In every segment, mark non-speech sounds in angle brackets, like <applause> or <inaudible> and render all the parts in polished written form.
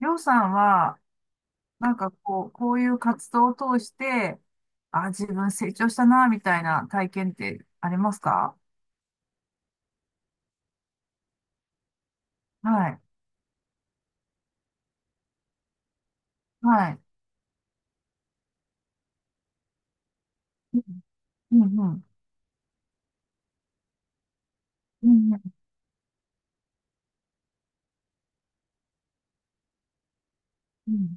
りょうさんは、なんかこう、こういう活動を通して、あ、自分成長したな、みたいな体験ってありますか？はい。はい。うん、うん、うん、うん、うん、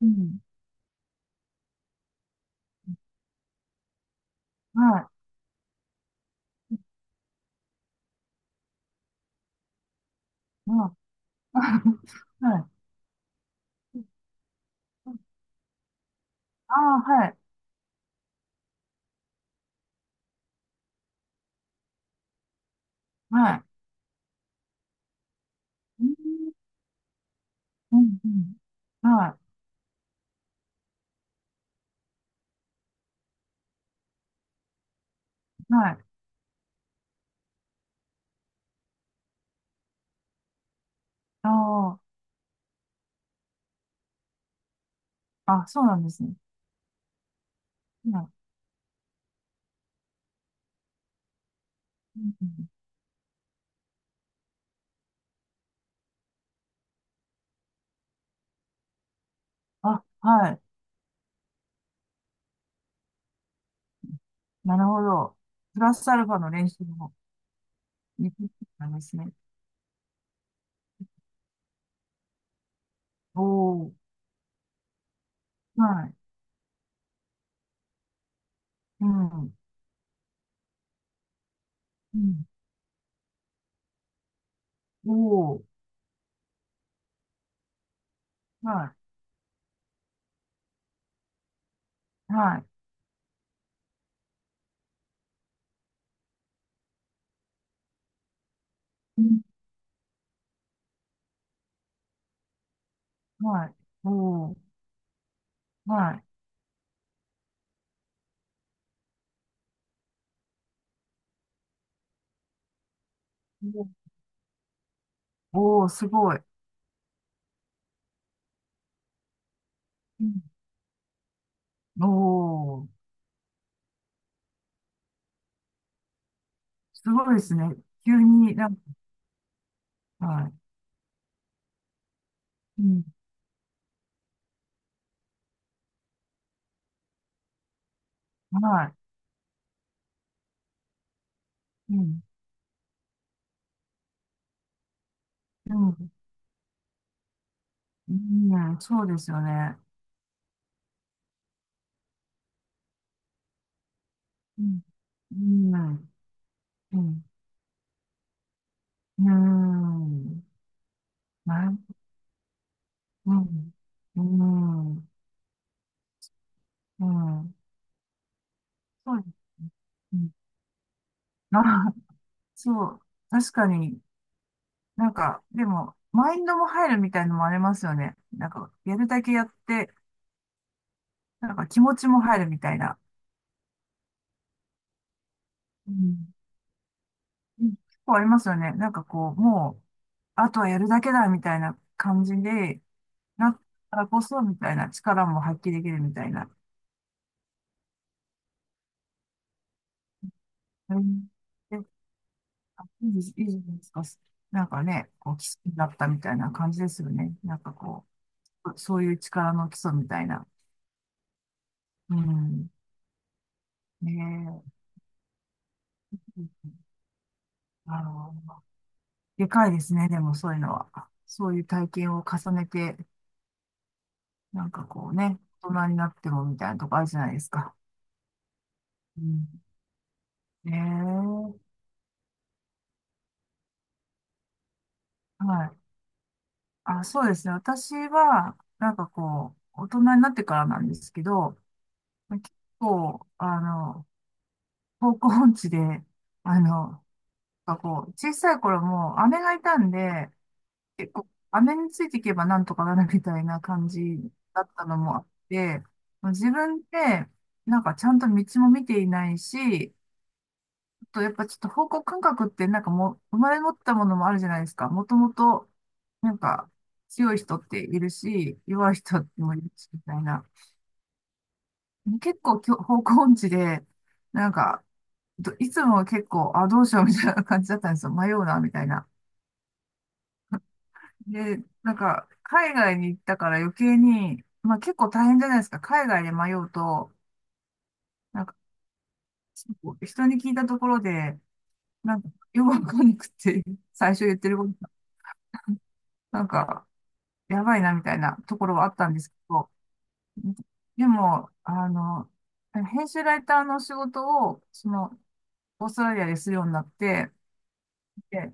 うん、はい、はい。<laughs> うん、はい。ああ、はい。はい。うん、うん、うん、はい。はい。ああ、あ、そうなんですね。はい。うんうん、あ、はい。なるほど。プラスアルファの練習も、いいなんですね。おお。はい。うん。うん。おー。はい。はい。うん。はい。おー。はい。おおー、すごい。うん。おー。すごいですね。急になんか、はい。うん。はい。うん。うん。うん。そうですよね。うん。うん。うん。うん。なる、うん。うん。うん。そうですね。うん。あ、そう。確かに、なんか、でも、マインドも入るみたいのもありますよね。なんか、やるだけやって、なんか気持ちも入るみたいな。うん。うん、結構ありますよね。なんかこう、もう、あとはやるだけだみたいな感じで、なったからこそみたいな力も発揮できるみたいな。うん、で、あ、いいです、いいじゃないですか。なんかね、こう、基礎になったみたいな感じですよね。なんかこう、そういう力の基礎みたいな。うん。ねえ。うん、あのでかいですね、でもそういうのは。そういう体験を重ねて、なんかこうね、大人になってもみたいなとこあるじゃないですか。うん。ええ、はい。あ、そうですね。私は、なんかこう、大人になってからなんですけど、結構、方向音痴で、あの、なんかこう、小さい頃も姉がいたんで、結構、飴についていけばなんとかなるみたいな感じだったのもあって、自分って、なんかちゃんと道も見ていないし、あとやっぱちょっと方向感覚ってなんかもう生まれ持ったものもあるじゃないですか。もともと、なんか強い人っているし、弱い人もいるし、みたいな。結構方向音痴で、なんか、どいつも結構、あ、どうしようみたいな感じだったんですよ。迷うな、みたいな。で、なんか、海外に行ったから余計に、まあ結構大変じゃないですか。海外で迷うと、なんか、人に聞いたところで、なんか、よくわかんなくて、最初言ってることが、なんか、やばいなみたいなところはあったんですけど、でも、編集ライターの仕事を、オーストラリアでするようになって、で、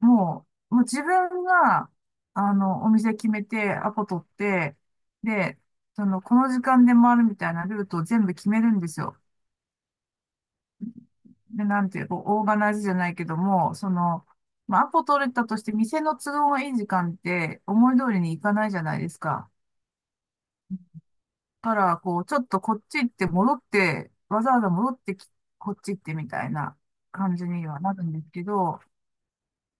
ももう自分が、お店決めて、アポ取って、で、この時間で回るみたいなルートを全部決めるんですよ。で、なんていう、こうオーガナイズじゃないけども、まあ、アポ取れたとして、店の都合がいい時間って、思い通りにいかないじゃないですか。だから、こう、ちょっとこっち行って戻って、わざわざ戻ってき、こっち行ってみたいな感じにはなるんですけど、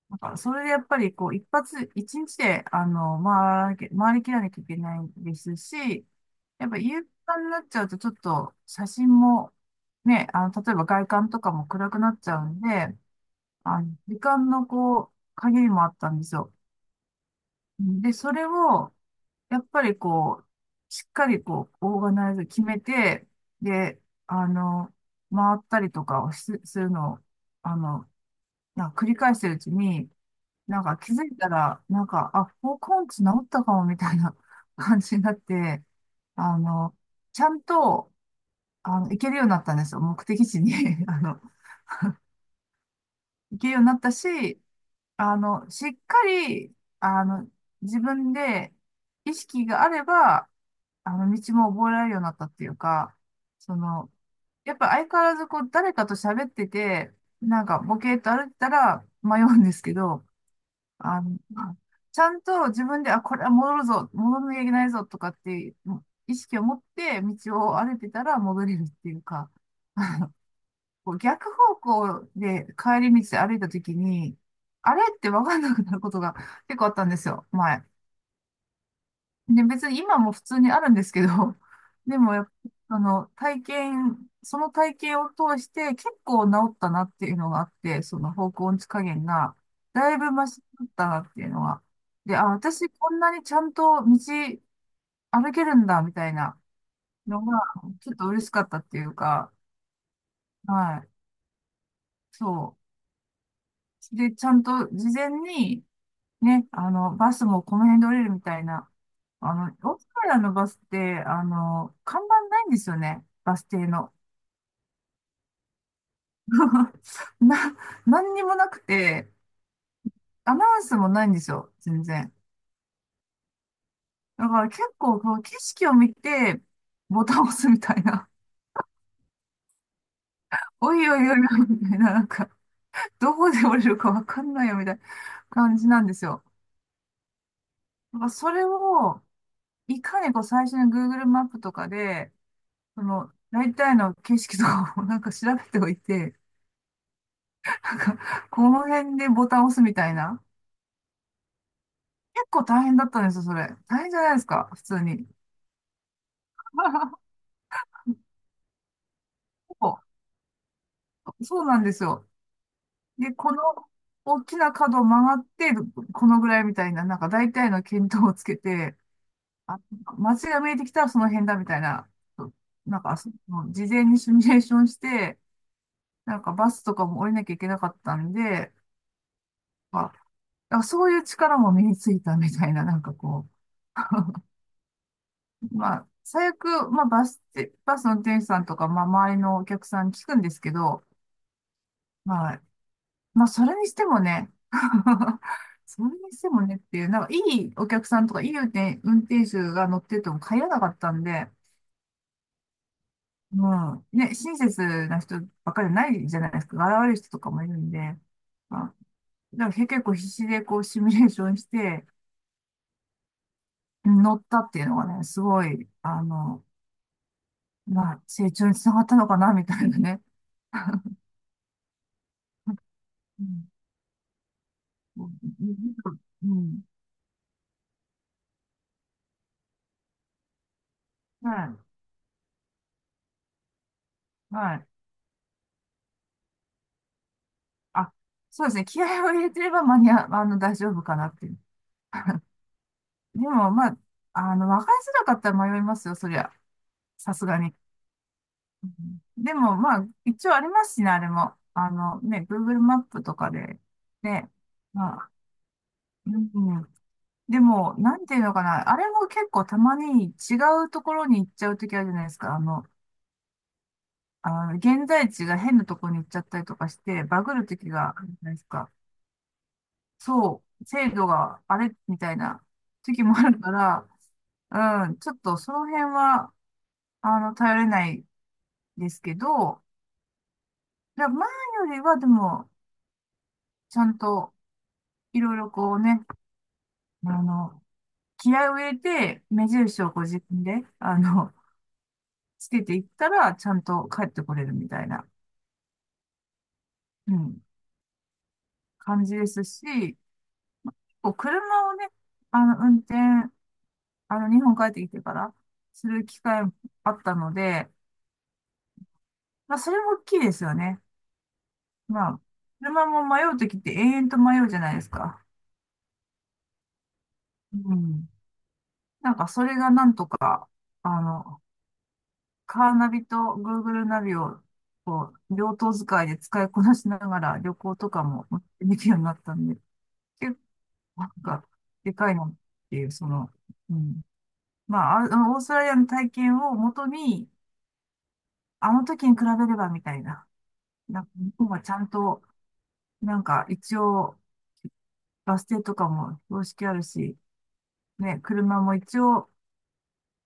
なんから、それでやっぱり、こう、一日で、回りきらなきゃいけないですし、やっぱ夕方になっちゃうと、ちょっと写真も、ね、例えば外観とかも暗くなっちゃうんで、時間のこう、限りもあったんですよ。で、それを、やっぱりこう、しっかりこう、オーガナイズ決めて、で、あの、回ったりとかをするのを、あの、なんか繰り返してるうちに、なんか気づいたら、なんか、あ、方根治治ったかもみたいな <laughs> 感じになって、あの、ちゃんと、行けるようになったんですよ。目的地に <laughs> あの、行けるようになったし、しっかり、あの、自分で意識があれば、道も覚えられるようになったっていうか、その、やっぱ相変わらずこう、誰かと喋ってて、なんか、ボケーっと歩いてたら迷うんですけど、あの、ちゃんと自分で、あ、これは戻るぞ、戻んなきゃいけないぞとかっていう意識を持って道を歩いてたら戻れるっていうか、こう逆方向で帰り道で歩いた時に、あれって分かんなくなることが結構あったんですよ、前。で、別に今も普通にあるんですけど、<laughs> でもやっぱ、その体験を通して結構治ったなっていうのがあって、その方向音痴加減が、だいぶマシだったなっていうのが。で、あ、私こんなにちゃんと道歩けるんだみたいなのが、ちょっと嬉しかったっていうか、はい、そう。で、ちゃんと事前に、ね、バスもこの辺で降りるみたいな。あの、オーストラリアのバスって、看板ないんですよね、バス停の。<laughs> な、何にもなくて、アナウンスもないんですよ、全然。だから結構、こう、景色を見て、ボタンを押すみたいな。<laughs> おいおいおいおい、みたいな、なんか、どこで降りるかわかんないよ、みたいな感じなんですよ。だからそれを、いかにこう、最初に Google マップとかで、大体の景色とかをなんか調べておいて、<laughs> なんか、この辺でボタンを押すみたいな。結構大変だったんですよ、それ。大変じゃないですか、普通に。<laughs> そうそう、なんですよ。で、この大きな角を曲がって、このぐらいみたいな、なんか大体の見当をつけて、あ、街が見えてきたらその辺だみたいな、なんか、事前にシミュレーションして、なんかバスとかも降りなきゃいけなかったんで、まあ、だからそういう力も身についたみたいな、なんかこう、まあ、最悪、まあ、バスで、バスの運転手さんとか、まあ、周りのお客さんに聞くんですけど、まあ、まあ、それにしてもね、<laughs> それにしてもねっていう、なんか、いいお客さんとか、いい運転手が乗ってても帰らなかったんで、もう、ね、親切な人ばっかりじゃないじゃないですか。現れる人とかもいるんで、まあ、だから結構必死でこう、シミュレーションして、乗ったっていうのがね、すごい、まあ、成長につながったのかな、みたいなね。<laughs> うんうんうん。はい。はい。あ、そうですね。気合を入れてれば間に合う、大丈夫かなっていう。でも、まあ、わかりづらかったら迷いますよ、そりゃ。さすがに。うん、でも、まあ、一応ありますしね、あれも。ね、Google マップとかで。ね。まあ、うん。でも、なんていうのかな。あれも結構たまに違うところに行っちゃうときあるじゃないですか。あの現在地が変なところに行っちゃったりとかして、バグるときがあるじゃないですか。そう、制度があれみたいな時もあるから、うん、ちょっとその辺は、頼れないですけど、前よりはでも、ちゃんといろいろこうね、あの、気合を入れて、目印をこう自分で、つけていったら、ちゃんと帰ってこれるみたいな、うん、感じですし、こう車をね、運転、日本帰ってきてから、する機会もあったので、まあ、それも大きいですよね。まあ、車も迷うときって永遠と迷うじゃないですか。うん。なんかそれがなんとか、あの、カーナビと Google ナビを、こう、両頭使いで使いこなしながら旅行とかもできるようになったんで、結構なんか、でかいなっていう、うん。まあ、あのオーストラリアの体験をもとに、あの時に比べればみたいな、なんか日本はちゃんと、なんか一応、バス停とかも標識あるし、ね、車も一応、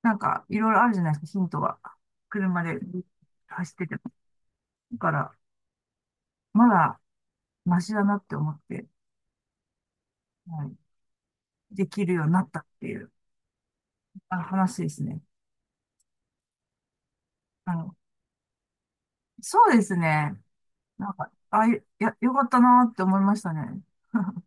なんか、いろいろあるじゃないですか、ヒントが。車で走ってても。だから、まだ、マシだなって思って、はい、できるようになったっていう話ですね。あの、そうですね。なんか、あ、いや、よかったなって思いましたね。<laughs>